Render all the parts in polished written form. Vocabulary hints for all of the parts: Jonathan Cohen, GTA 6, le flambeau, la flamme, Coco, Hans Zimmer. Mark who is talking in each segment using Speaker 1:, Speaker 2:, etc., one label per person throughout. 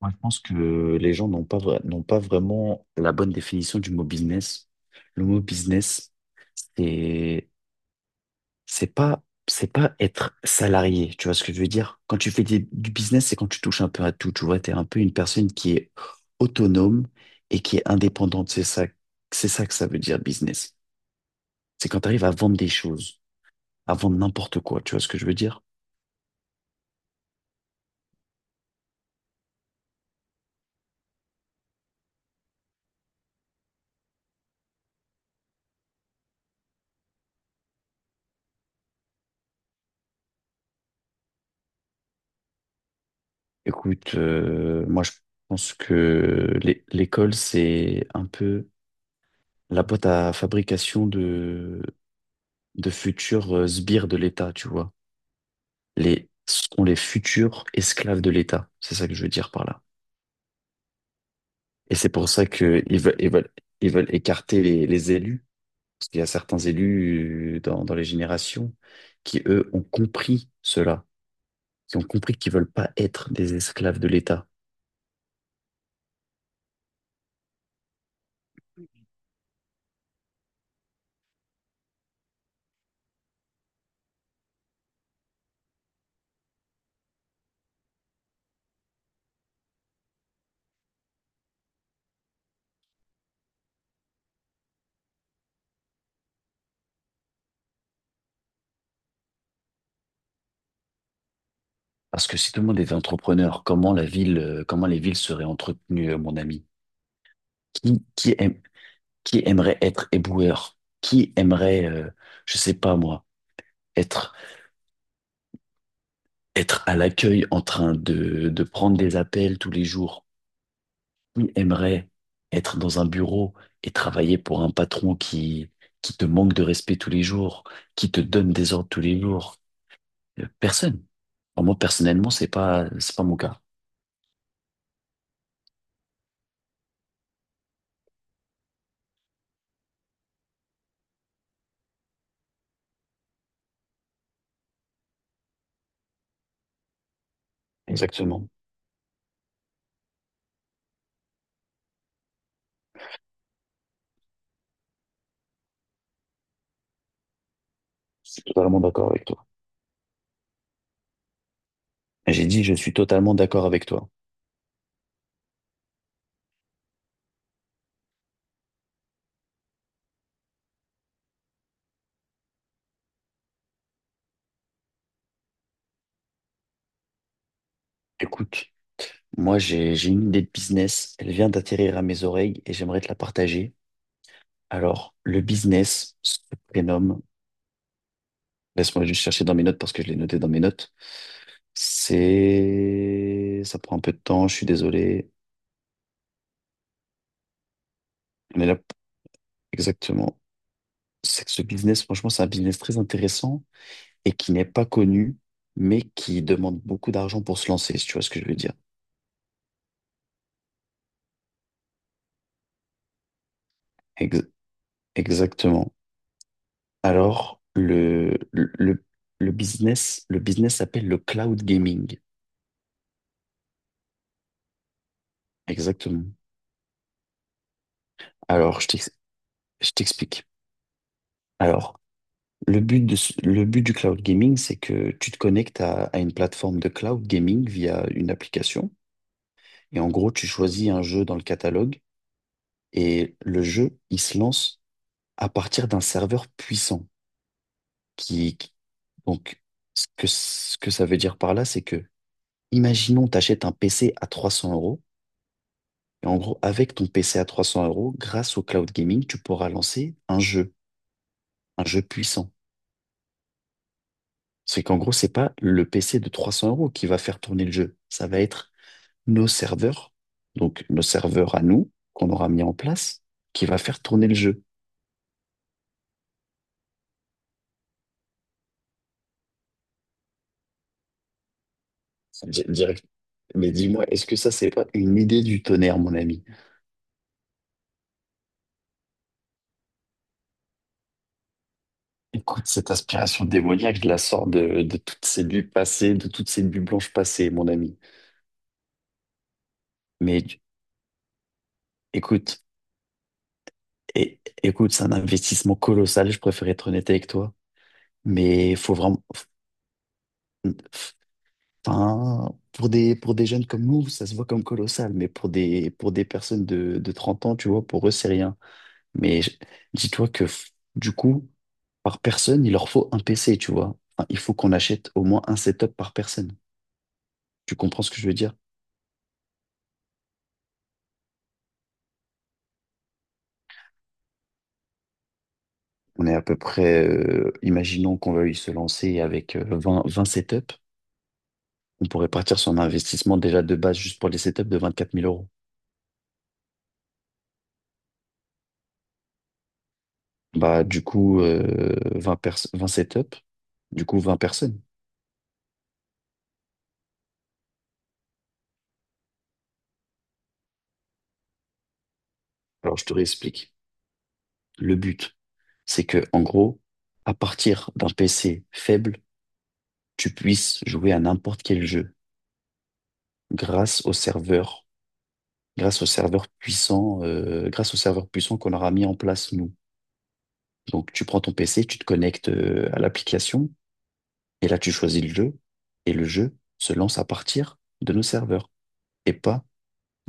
Speaker 1: Moi, je pense que les gens n'ont pas vraiment la bonne définition du mot business. Le mot business, c'est, c'est pas, c'est pas être salarié. Tu vois ce que je veux dire? Quand tu fais du business, c'est quand tu touches un peu à tout. Tu vois, t'es un peu une personne qui est autonome et qui est indépendante. C'est ça que ça veut dire business. C'est quand tu arrives à vendre des choses, à vendre n'importe quoi. Tu vois ce que je veux dire? Écoute, moi, je pense que l'école, c'est un peu la boîte à fabrication de futurs sbires de l'État, tu vois. Sont les futurs esclaves de l'État. C'est ça que je veux dire par là. Et c'est pour ça qu'ils veulent écarter les élus. Parce qu'il y a certains élus dans les générations qui, eux, ont compris cela, qui ont compris qu'ils veulent pas être des esclaves de l'État. Parce que si tout le monde était entrepreneur, comment les villes seraient entretenues, mon ami? Qui, qui Qui aimerait être éboueur? Qui aimerait, je sais pas moi, être, être à l'accueil en train de prendre des appels tous les jours? Qui aimerait être dans un bureau et travailler pour un patron qui te manque de respect tous les jours, qui te donne des ordres tous les jours. Personne. Enfin, moi, personnellement, c'est pas mon cas. Exactement. Je suis totalement d'accord avec toi. J'ai dit, je suis totalement d'accord avec toi. Écoute, moi, j'ai une idée de business. Elle vient d'atterrir à mes oreilles et j'aimerais te la partager. Alors, le business se prénomme, laisse-moi juste chercher dans mes notes parce que je l'ai noté dans mes notes. Ça prend un peu de temps, je suis désolé. Mais là, exactement. C'est que ce business, franchement, c'est un business très intéressant et qui n'est pas connu, mais qui demande beaucoup d'argent pour se lancer, si tu vois ce que je veux dire. Ex- Exactement. Alors, le business s'appelle le cloud gaming. Exactement. Alors, je t'explique. Alors, le but du cloud gaming, c'est que tu te connectes à une plateforme de cloud gaming via une application. Et en gros, tu choisis un jeu dans le catalogue et le jeu, il se lance à partir d'un serveur puissant. Qui, qui- donc, ce que ça veut dire par là, c'est que, imaginons, t'achètes un PC à 300 euros. Et en gros, avec ton PC à 300 euros, grâce au cloud gaming, tu pourras lancer un jeu puissant. C'est qu'en gros, c'est pas le PC de 300 euros qui va faire tourner le jeu. Ça va être nos serveurs, donc nos serveurs à nous, qu'on aura mis en place, qui va faire tourner le jeu. Di- direct- Mais dis-moi, est-ce que ça, c'est pas une idée du tonnerre, mon ami? Écoute, cette aspiration démoniaque, je la sors de toutes ces nuits blanches passées, mon ami. Mais tu- Écoute, écoute, c'est un investissement colossal, je préfère être honnête avec toi. Mais il faut vraiment. Enfin, pour des jeunes comme nous, ça se voit comme colossal, mais pour des personnes de 30 ans, tu vois, pour eux, c'est rien. Mais je- Dis-toi que du coup, par personne, il leur faut un PC, tu vois. Enfin, il faut qu'on achète au moins un setup par personne. Tu comprends ce que je veux dire? On est à peu près, imaginons qu'on veuille se lancer avec 20 setups. On pourrait partir sur un investissement déjà de base juste pour les setups de 24 000 euros. Bah, du coup, 20 setups, du coup 20 personnes. Alors, je te réexplique. Le but, c'est que, en gros, à partir d'un PC faible, tu puisses jouer à n'importe quel jeu. grâce au serveur, grâce au serveur puissant qu'on aura mis en place nous. Donc tu prends ton PC, tu te connectes à l'application et là tu choisis le jeu et le jeu se lance à partir de nos serveurs et pas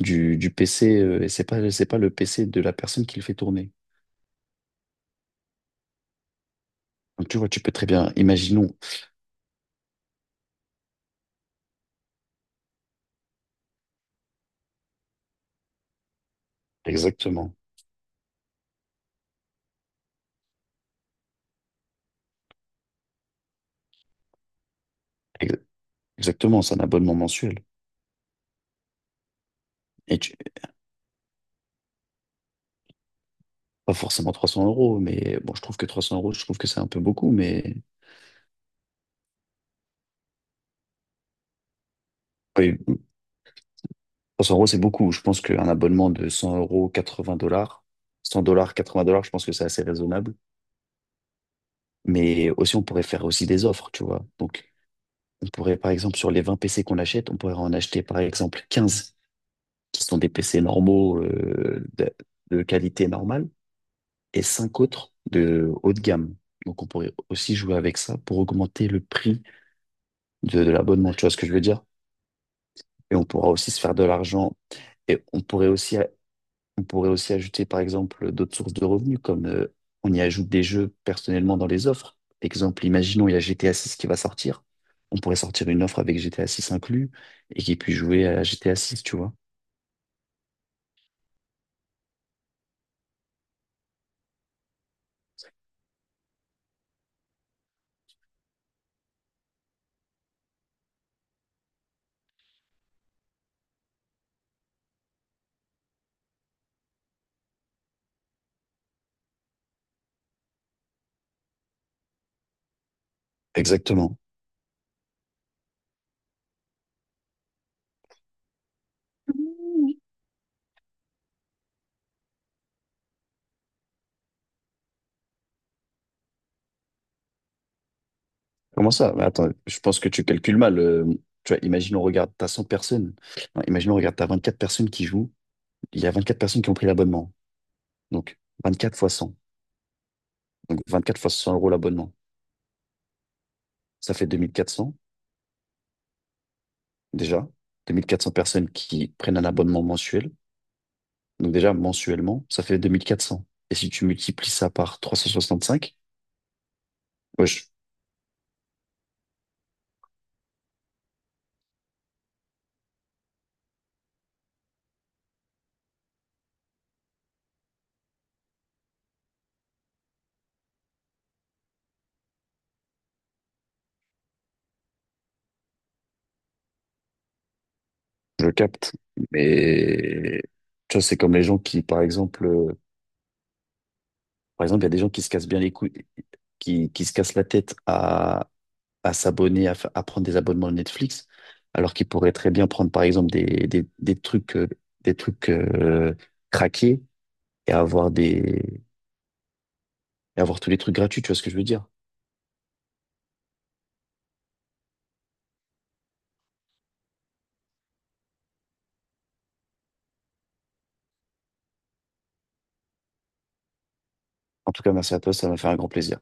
Speaker 1: du PC. Et c'est pas le PC de la personne qui le fait tourner. Donc tu vois, tu peux très bien, imaginons exactement, ex- exactement, c'est un abonnement mensuel. Et tu, Pas forcément 300 euros, mais bon, je trouve que 300 euros, je trouve que c'est un peu beaucoup, mais oui, 300 euros, c'est beaucoup. Je pense qu'un abonnement de 100 euros, 80 dollars, 100 dollars, 80 dollars, je pense que c'est assez raisonnable. Mais aussi, on pourrait faire aussi des offres, tu vois. Donc, on pourrait, par exemple, sur les 20 PC qu'on achète, on pourrait en acheter, par exemple, 15 qui sont des PC normaux, de qualité normale, et 5 autres de haut de gamme. Donc, on pourrait aussi jouer avec ça pour augmenter le prix de l'abonnement, tu vois ce que je veux dire? Et on pourra aussi se faire de l'argent. Et on pourrait aussi On pourrait aussi ajouter, par exemple, d'autres sources de revenus, comme on y ajoute des jeux personnellement dans les offres. Exemple, imaginons, il y a GTA 6 qui va sortir. On pourrait sortir une offre avec GTA 6 inclus et qui puisse jouer à GTA 6, tu vois. Exactement. Comment ça? Mais attends, je pense que tu calcules mal. Tu vois, imagine, on regarde, t'as 100 personnes. Non, imagine, on regarde, t'as 24 personnes qui jouent. Il y a 24 personnes qui ont pris l'abonnement. Donc, 24 fois 100. Donc, 24 fois 100 euros l'abonnement. Ça fait 2 400, déjà. 2 400 personnes qui prennent un abonnement mensuel. Donc déjà, mensuellement, ça fait 2 400. Et si tu multiplies ça par 365, ouais, je capte. Mais tu vois, c'est comme les gens qui, par exemple, il y a des gens qui se cassent bien les couilles, qui se cassent la tête à s'abonner, à prendre des abonnements Netflix, alors qu'ils pourraient très bien prendre, par exemple, des trucs craqués et et avoir tous les trucs gratuits, tu vois ce que je veux dire? En tout cas, merci à toi, ça m'a fait un grand plaisir.